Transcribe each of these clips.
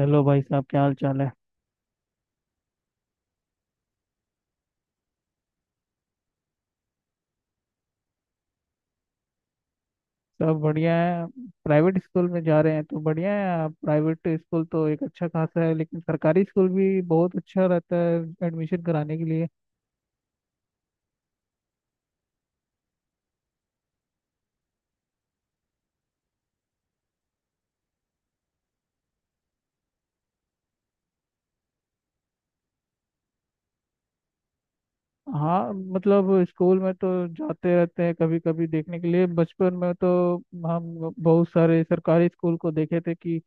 Hello भाई साहब, क्या हाल चाल है। सब बढ़िया है। प्राइवेट स्कूल में जा रहे हैं तो बढ़िया है। आप प्राइवेट स्कूल तो एक अच्छा खासा है, लेकिन सरकारी स्कूल भी बहुत अच्छा रहता है एडमिशन कराने के लिए। हाँ, मतलब स्कूल में तो जाते रहते हैं कभी कभी देखने के लिए। बचपन में तो हम बहुत सारे सरकारी स्कूल को देखे थे कि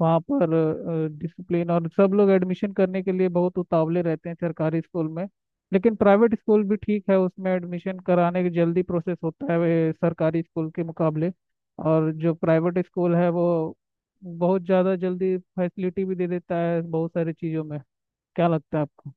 वहाँ पर डिसिप्लिन, और सब लोग एडमिशन करने के लिए बहुत उतावले रहते हैं सरकारी स्कूल में। लेकिन प्राइवेट स्कूल भी ठीक है, उसमें एडमिशन कराने की जल्दी प्रोसेस होता है वे सरकारी स्कूल के मुकाबले। और जो प्राइवेट स्कूल है वो बहुत ज़्यादा जल्दी फैसिलिटी भी दे देता है बहुत सारी चीज़ों में। क्या लगता है आपको?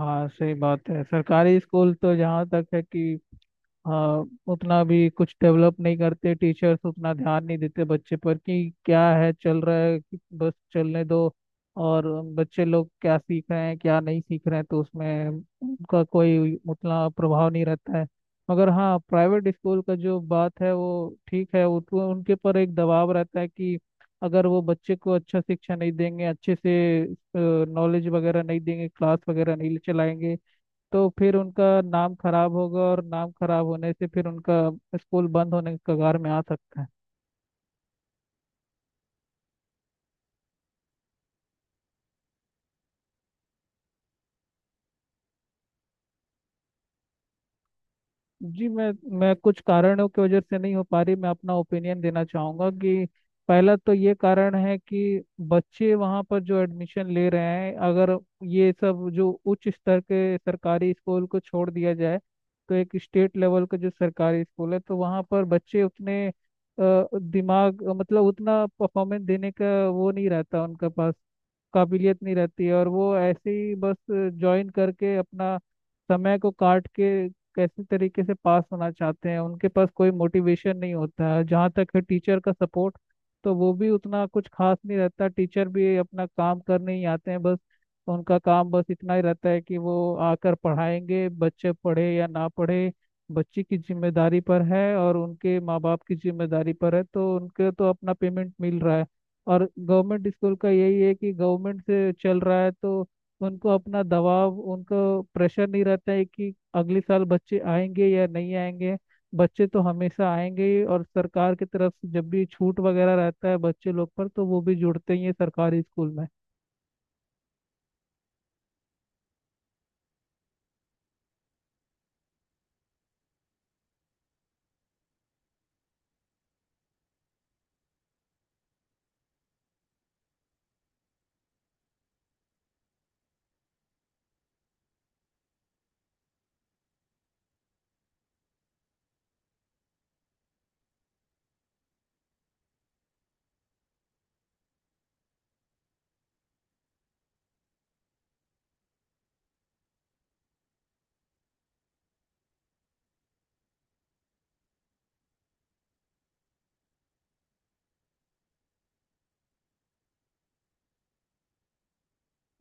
हाँ, सही बात है। सरकारी स्कूल तो जहाँ तक है कि हाँ, उतना भी कुछ डेवलप नहीं करते, टीचर्स उतना ध्यान नहीं देते बच्चे पर कि क्या है, चल रहा है कि बस चलने दो। और बच्चे लोग क्या सीख रहे हैं क्या नहीं सीख रहे हैं, तो उसमें उनका कोई उतना प्रभाव नहीं रहता है। मगर हाँ, प्राइवेट स्कूल का जो बात है वो ठीक है, उनके पर एक दबाव रहता है कि अगर वो बच्चे को अच्छा शिक्षा नहीं देंगे अच्छे से, नॉलेज वगैरह नहीं देंगे, क्लास वगैरह नहीं चलाएंगे, तो फिर उनका नाम खराब होगा, और नाम खराब होने से फिर उनका स्कूल बंद होने के कगार में आ सकता है। जी, मैं कुछ कारणों की वजह से नहीं हो पा रही, मैं अपना ओपिनियन देना चाहूँगा कि पहला तो ये कारण है कि बच्चे वहाँ पर जो एडमिशन ले रहे हैं, अगर ये सब जो उच्च स्तर के सरकारी स्कूल को छोड़ दिया जाए, तो एक स्टेट लेवल का जो सरकारी स्कूल है तो वहाँ पर बच्चे उतने दिमाग, मतलब उतना परफॉर्मेंस देने का वो नहीं रहता उनके पास, काबिलियत नहीं रहती है। और वो ऐसे ही बस ज्वाइन करके अपना समय को काट के कैसे तरीके से पास होना चाहते हैं, उनके पास कोई मोटिवेशन नहीं होता है। जहाँ तक है टीचर का सपोर्ट, तो वो भी उतना कुछ खास नहीं रहता। टीचर भी अपना काम करने ही आते हैं बस, उनका काम बस इतना ही रहता है कि वो आकर पढ़ाएंगे, बच्चे पढ़े या ना पढ़े, बच्चे की जिम्मेदारी पर है और उनके माँ बाप की जिम्मेदारी पर है। तो उनके तो अपना पेमेंट मिल रहा है, और गवर्नमेंट स्कूल का यही है कि गवर्नमेंट से चल रहा है, तो उनको अपना दबाव, उनको प्रेशर नहीं रहता है कि अगले साल बच्चे आएंगे या नहीं आएंगे। बच्चे तो हमेशा आएंगे ही, और सरकार की तरफ से जब भी छूट वगैरह रहता है बच्चे लोग पर, तो वो भी जुड़ते ही है सरकारी स्कूल में।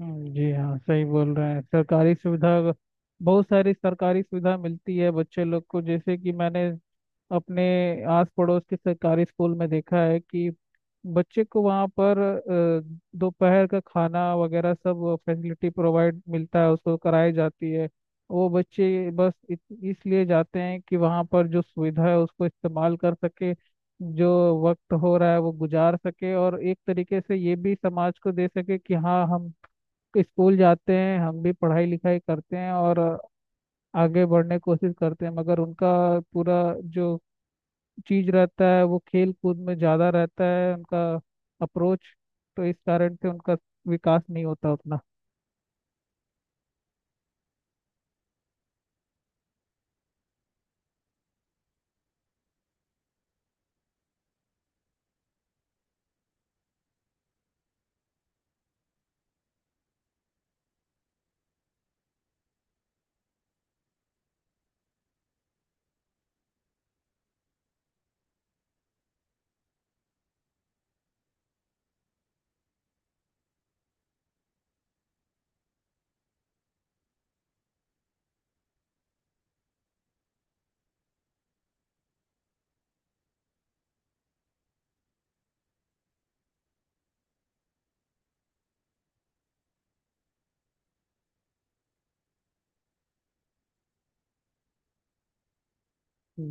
जी हाँ, सही बोल रहे हैं। सरकारी सुविधा, बहुत सारी सरकारी सुविधा मिलती है बच्चे लोग को, जैसे कि मैंने अपने आस पड़ोस के सरकारी स्कूल में देखा है कि बच्चे को वहाँ पर दोपहर का खाना वगैरह, सब फैसिलिटी प्रोवाइड मिलता है, उसको कराई जाती है। वो बच्चे बस इसलिए जाते हैं कि वहाँ पर जो सुविधा है उसको इस्तेमाल कर सके, जो वक्त हो रहा है वो गुजार सके, और एक तरीके से ये भी समाज को दे सके कि हाँ, हम स्कूल जाते हैं, हम भी पढ़ाई लिखाई करते हैं और आगे बढ़ने की कोशिश करते हैं। मगर उनका पूरा जो चीज रहता है वो खेल कूद में ज्यादा रहता है, उनका अप्रोच, तो इस कारण से उनका विकास नहीं होता उतना।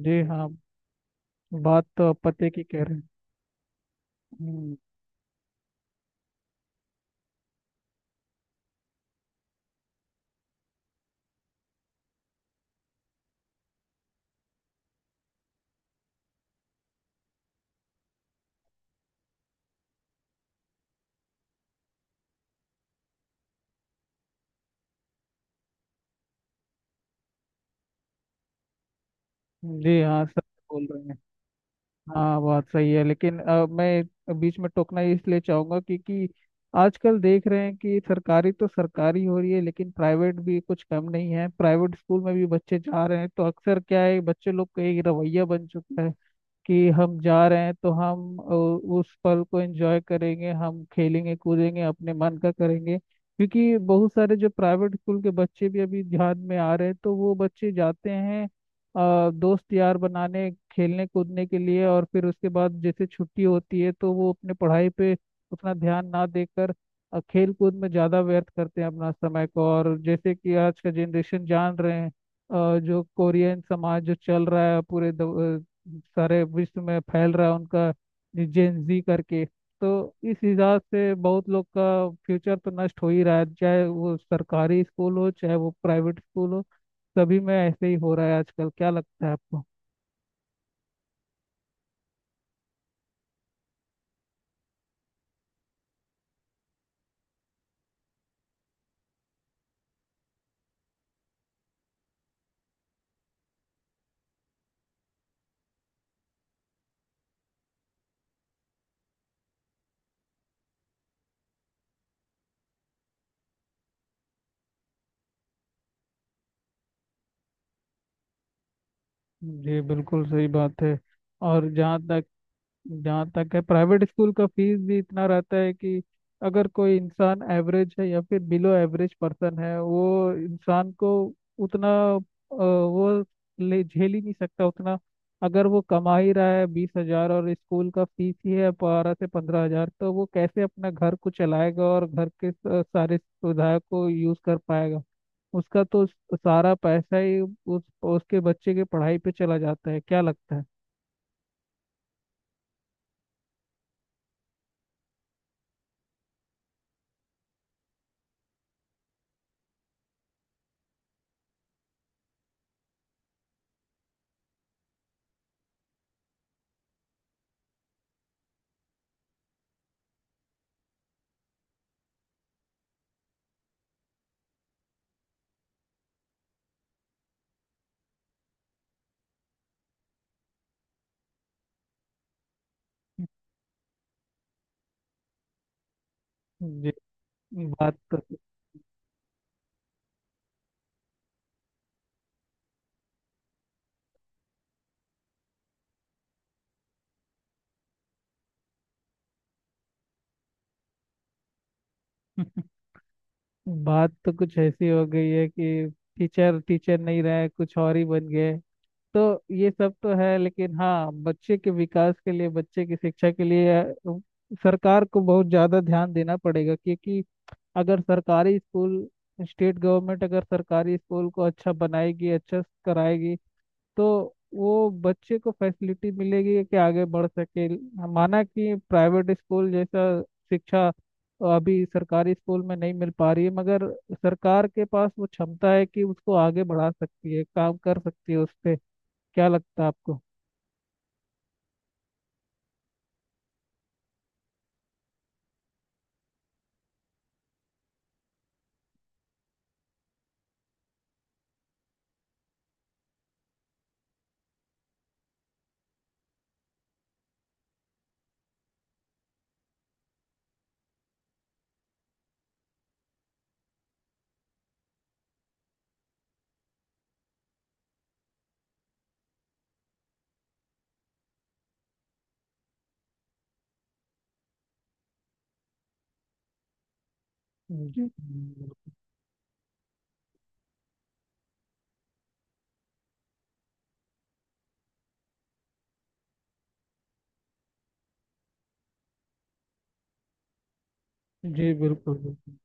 जी हाँ, बात तो आप पते की कह रहे हैं। हम्म, जी हाँ, सब बोल रहे हैं। हाँ, बात सही है लेकिन मैं बीच में टोकना इसलिए चाहूंगा, क्योंकि आजकल देख रहे हैं कि सरकारी तो सरकारी हो रही है, लेकिन प्राइवेट भी कुछ कम नहीं है। प्राइवेट स्कूल में भी बच्चे जा रहे हैं, तो अक्सर क्या है, बच्चे लोग का एक रवैया बन चुका है कि हम जा रहे हैं तो हम उस पल को एंजॉय करेंगे, हम खेलेंगे कूदेंगे, अपने मन का करेंगे। क्योंकि बहुत सारे जो प्राइवेट स्कूल के बच्चे भी अभी ध्यान में आ रहे हैं, तो वो बच्चे जाते हैं दोस्त यार बनाने, खेलने कूदने के लिए, और फिर उसके बाद जैसे छुट्टी होती है तो वो अपने पढ़ाई पे उतना ध्यान ना देकर खेल कूद में ज़्यादा व्यर्थ करते हैं अपना समय को। और जैसे कि आज का जनरेशन जान रहे हैं जो कोरियन समाज जो चल रहा है पूरे सारे विश्व में फैल रहा है, उनका जेन जी करके, तो इस हिसाब से बहुत लोग का फ्यूचर तो नष्ट हो ही रहा है, चाहे वो सरकारी स्कूल हो चाहे वो प्राइवेट स्कूल हो, सभी में ऐसे ही हो रहा है आजकल। क्या लगता है आपको? जी, बिल्कुल सही बात है। और जहाँ तक है प्राइवेट स्कूल का फीस भी इतना रहता है कि अगर कोई इंसान एवरेज है या फिर बिलो एवरेज पर्सन है, वो इंसान को उतना अ, वो ले झेल ही नहीं सकता उतना। अगर वो कमा ही रहा है 20 हजार, और स्कूल का फीस ही है 12 से 15 हजार, तो वो कैसे अपना घर को चलाएगा और घर के सारे सुविधाओं को यूज कर पाएगा? उसका तो सारा पैसा ही उस उसके बच्चे के पढ़ाई पे चला जाता है। क्या लगता है? जी, बात तो बात तो कुछ ऐसी हो गई है कि टीचर टीचर नहीं रहे, कुछ और ही बन गए। तो ये सब तो है, लेकिन हाँ, बच्चे के विकास के लिए, बच्चे की शिक्षा के लिए सरकार को बहुत ज्यादा ध्यान देना पड़ेगा। क्योंकि अगर सरकारी स्कूल, स्टेट गवर्नमेंट अगर सरकारी स्कूल को अच्छा बनाएगी, अच्छा कराएगी, तो वो बच्चे को फैसिलिटी मिलेगी कि आगे बढ़ सके। माना कि प्राइवेट स्कूल जैसा शिक्षा अभी सरकारी स्कूल में नहीं मिल पा रही है, मगर सरकार के पास वो क्षमता है कि उसको आगे बढ़ा सकती है, काम कर सकती है उस पे। क्या लगता है आपको? जी, जी बिल्कुल बिल्कुल।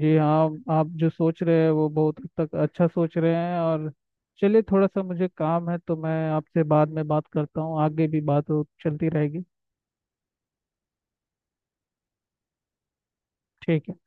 जी हाँ, आप जो सोच रहे हैं वो बहुत हद तक अच्छा सोच रहे हैं। और चलिए, थोड़ा सा मुझे काम है, तो मैं आपसे बाद में बात करता हूँ, आगे भी बात चलती रहेगी। ठीक है।